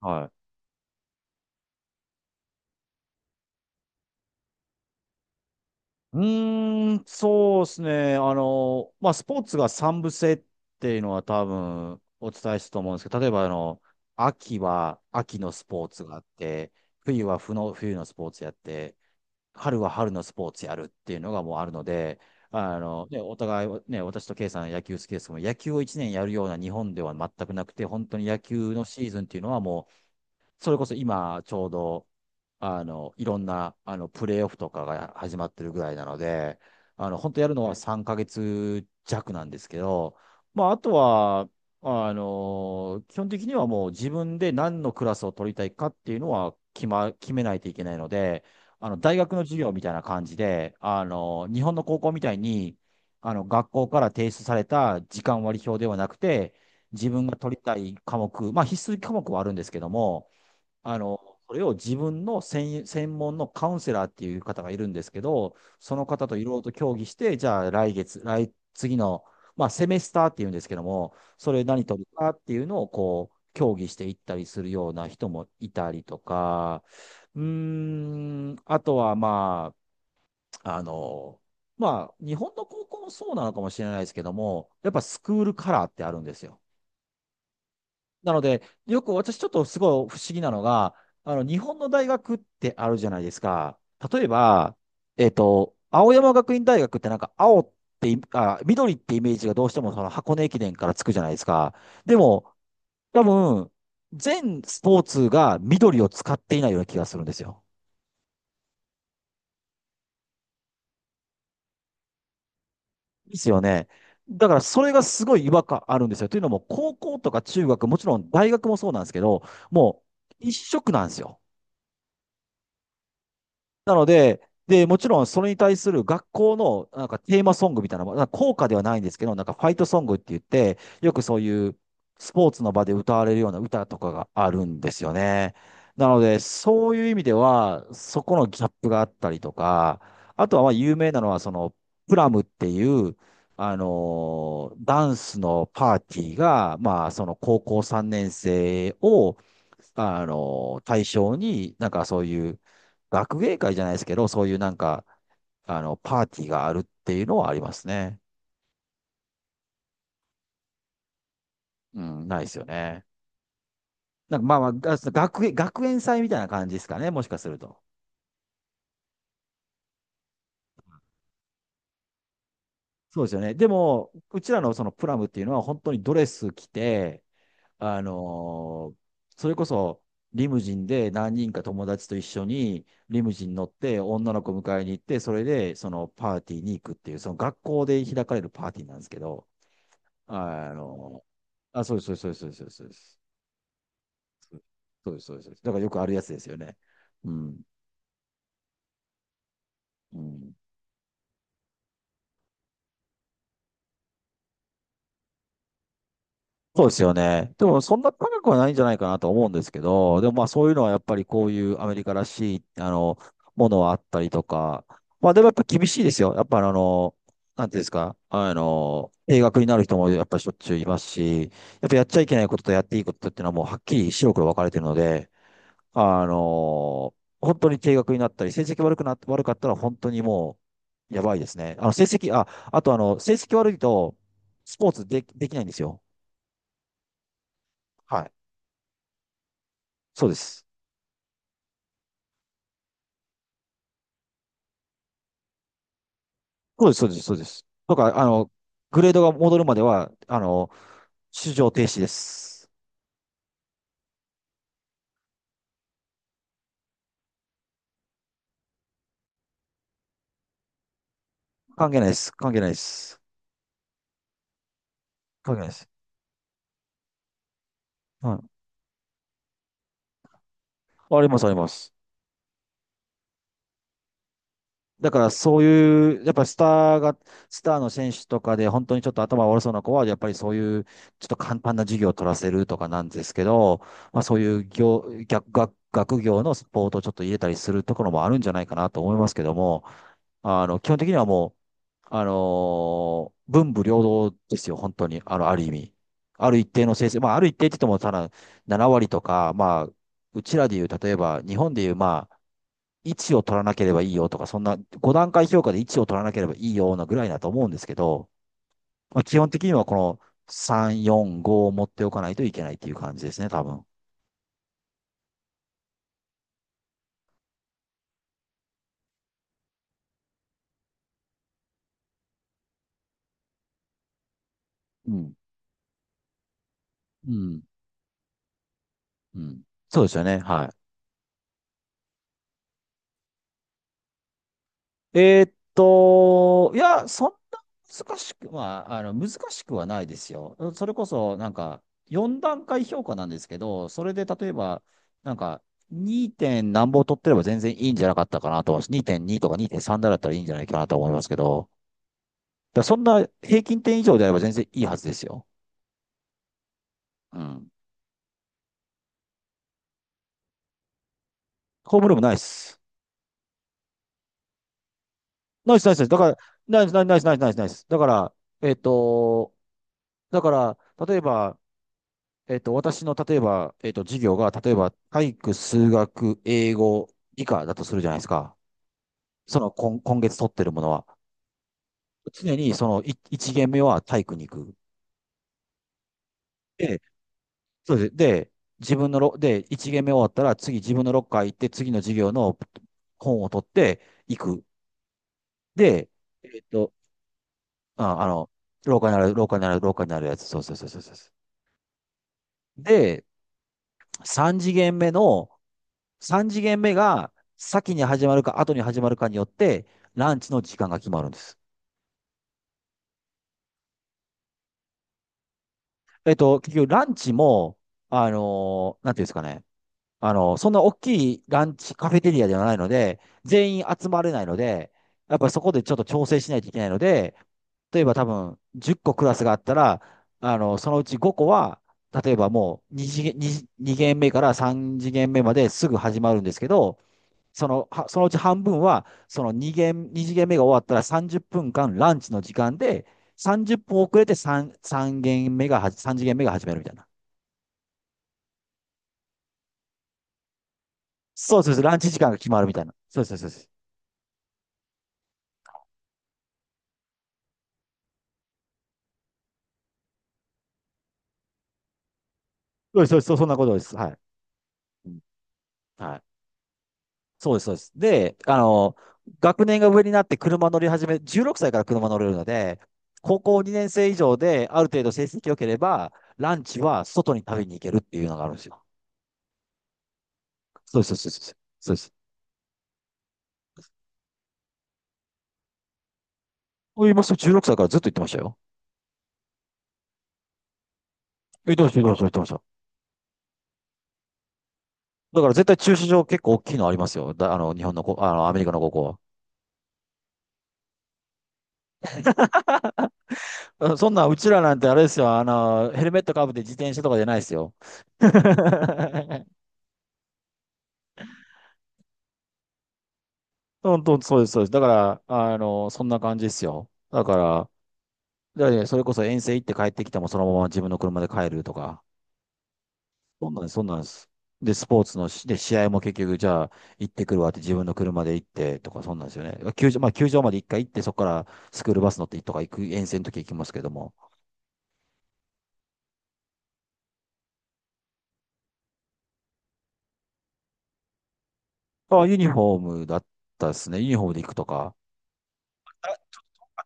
はい。うーん、そうですね。まあ、スポーツが三部制っていうのは多分お伝えしたと思うんですけど、例えば秋は秋のスポーツがあって、冬は冬のスポーツやって、春は春のスポーツやるっていうのがもうあるので、ね、お互い、ね、私とケイさん野球好きですけども、野球を1年やるような日本では全くなくて、本当に野球のシーズンっていうのはもう、それこそ今、ちょうど、いろんな、プレーオフとかが始まってるぐらいなので、本当やるのは3ヶ月弱なんですけど、まあ、あとは、基本的にはもう自分で何のクラスを取りたいかっていうのは決めないといけないので、大学の授業みたいな感じで、日本の高校みたいに、学校から提出された時間割表ではなくて、自分が取りたい科目、まあ必須科目はあるんですけども、あの、それを自分の専門のカウンセラーっていう方がいるんですけど、その方といろいろと協議して、じゃあ来月、来、次の、まあセメスターっていうんですけども、それ何取るかっていうのをこう、協議していったりするような人もいたりとか、うーん、あとはまあ、まあ、日本の高校もそうなのかもしれないですけども、やっぱスクールカラーってあるんですよ。なので、よく私ちょっとすごい不思議なのが、日本の大学ってあるじゃないですか。例えば、青山学院大学ってなんか青ってい、あ、緑ってイメージがどうしてもその箱根駅伝からつくじゃないですか。でも、多分、全スポーツが緑を使っていないような気がするんですよ。ですよね。だからそれがすごい違和感あるんですよ。というのも、高校とか中学、もちろん大学もそうなんですけど、もう一色なんですよ。なので、で、もちろんそれに対する学校のなんかテーマソングみたいな、なんか校歌ではないんですけど、なんかファイトソングって言って、よくそういうスポーツの場で歌われるような歌とかがあるんですよね。なので、そういう意味では、そこのギャップがあったりとか、あとはまあ有名なのは、その、プラムっていう、ダンスのパーティーが、まあ、その高校3年生を、対象に、なんかそういう、学芸会じゃないですけど、そういうなんか、パーティーがあるっていうのはありますね。うん、ないですよね。なんかまあまあ、が学園、学園祭みたいな感じですかね、もしかすると。そうですよね。でも、うちらのそのプラムっていうのは本当にドレス着て、あのーそれこそリムジンで何人か友達と一緒にリムジン乗って女の子迎えに行って、それでそのパーティーに行くっていう、その学校で開かれるパーティーなんですけど、あのあ、そうです、そうです、そうです、そうです。そうですそうです、そうです。だからよくあるやつですよね。うん。うん。そうですよね。でもそんな高くはないんじゃないかなと思うんですけど、でもまあそういうのはやっぱりこういうアメリカらしい、ものはあったりとか、まあでもやっぱ厳しいですよ。やっぱなんていうんですか、定額になる人もやっぱりしょっちゅういますし、やっぱやっちゃいけないこととやっていいことっていうのはもうはっきり白黒分かれてるので、本当に低額になったり、成績悪くな、悪かったら本当にもう、やばいですね。あの、成績、あ、あとあの、成績悪いと、スポーツで、できないんですよ。はい。そうです。そうです、そうです、そうです。とか、グレードが戻るまでは、出場停止です。関係ないです。関係ないです。関係ないです。はい。あります、あります。だからそういう、やっぱりスターの選手とかで本当にちょっと頭悪そうな子は、やっぱりそういう、ちょっと簡単な授業を取らせるとかなんですけど、まあそういう学業のスポーツをちょっと入れたりするところもあるんじゃないかなと思いますけども、基本的にはもう、文武両道ですよ、本当に。ある意味。ある一定の成績、まあある一定って言っても、ただ7割とか、まあ、うちらでいう、例えば、日本でいう、まあ、位置を取らなければいいよとか、そんな5段階評価で位置を取らなければいいようなぐらいだと思うんですけど、まあ、基本的にはこの3、4、5を持っておかないといけないっていう感じですね、多分。うん。うん。うん。そうですよね。はい。いや、そんな難しくはないですよ。それこそ、なんか、4段階評価なんですけど、それで例えば、なんか、2. 点何本取ってれば全然いいんじゃなかったかなと、2.2とか2.3だったらいいんじゃないかなと思いますけど、だそんな平均点以上であれば全然いいはずですよ。うん。ホームルームないっす。ないっす、ないっす、ないっすだから、ないっす、ないっす、ないっす、ないっす、ないっすないっすだから、えっと、だから、例えば、私の、例えば、授業が、例えば、体育、数学、英語、理科だとするじゃないですか。その、今、今月取ってるものは。常に、その、一限目は体育に行く。で、そうです。で、自分のロ、で、一限目終わったら、次自分のロッカー行って、次の授業の本を取って行く。で、えっと、あ、あの、廊下にあるやつ。そうそうそうそうそうそう。で、3次元目の、3次元目が先に始まるか後に始まるかによって、ランチの時間が決まるんです。結局ランチも、なんていうんですかね。そんな大きいランチカフェテリアではないので、全員集まれないので、やっぱりそこでちょっと調整しないといけないので、例えば多分10個クラスがあったら、そのうち5個は、例えばもう2次元、2、二限目から3次元目まですぐ始まるんですけど、その、そのうち半分は、その2次元目が終わったら30分間ランチの時間で、30分遅れて3、三限目がは、3次元目が始めるみたいな。そうそうそう、ランチ時間が決まるみたいな。そうそうそうそう。そうですそうです、そんなことです。はい。うんはい。そうです、そうです。で、学年が上になって車乗り始め、16歳から車乗れるので、高校2年生以上である程度成績良ければ、ランチは外に食べに行けるっていうのがあるんですよ。そうです、そうです、そうです。そうです。そう言いますと、16歳からずっと行ってましたよ。行ってました、言ってました、言ってました。だから絶対駐車場結構大きいのありますよ。だ、あの、日本のこ、あの、アメリカの高校は。あそんな、うちらなんてあれですよ。ヘルメットかぶって自転車とかじゃないですよ。本当、そうです、そうです。だから、そんな感じですよ。だからねそれこそ遠征行って帰ってきてもそのまま自分の車で帰るとか、そんなんです、そんなんです。で、スポーツのし、で、試合も結局、じゃあ、行ってくるわって自分の車で行ってとか、そんなんですよね。球場まで一回行って、そこからスクールバス乗ってとか行く、遠征の時行きますけども。あ、ユニフォームだったですね。ユニフォームで行くとか。あだ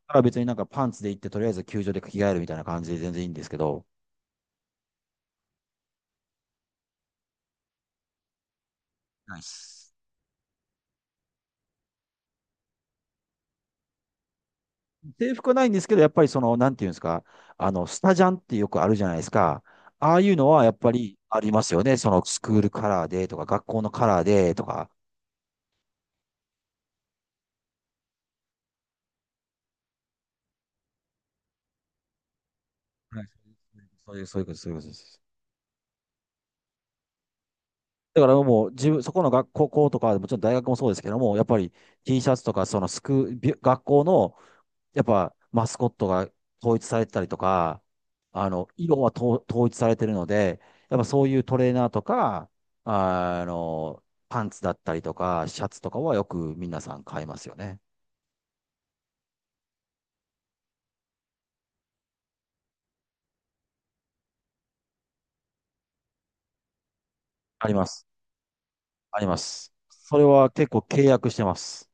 から別になんかパンツで行って、とりあえず球場で着替えるみたいな感じで全然いいんですけど。ないっす。制服はないんですけど、やっぱりその、なんていうんですか、スタジャンってよくあるじゃないですか。ああいうのはやっぱりありますよね。そのスクールカラーでとか、学校のカラーでとか。はい、そういう、そういうことです、そういうことです。だからもう、そこの学校とか、もちろん大学もそうですけども、やっぱり T シャツとか、そのスク、び学校のやっぱマスコットが統一されてたりとか、色はと統一されてるので、やっぱそういうトレーナーとか、あの、パンツだったりとか、シャツとかはよく皆さん買いますよね。あります。あります。それは結構契約してます。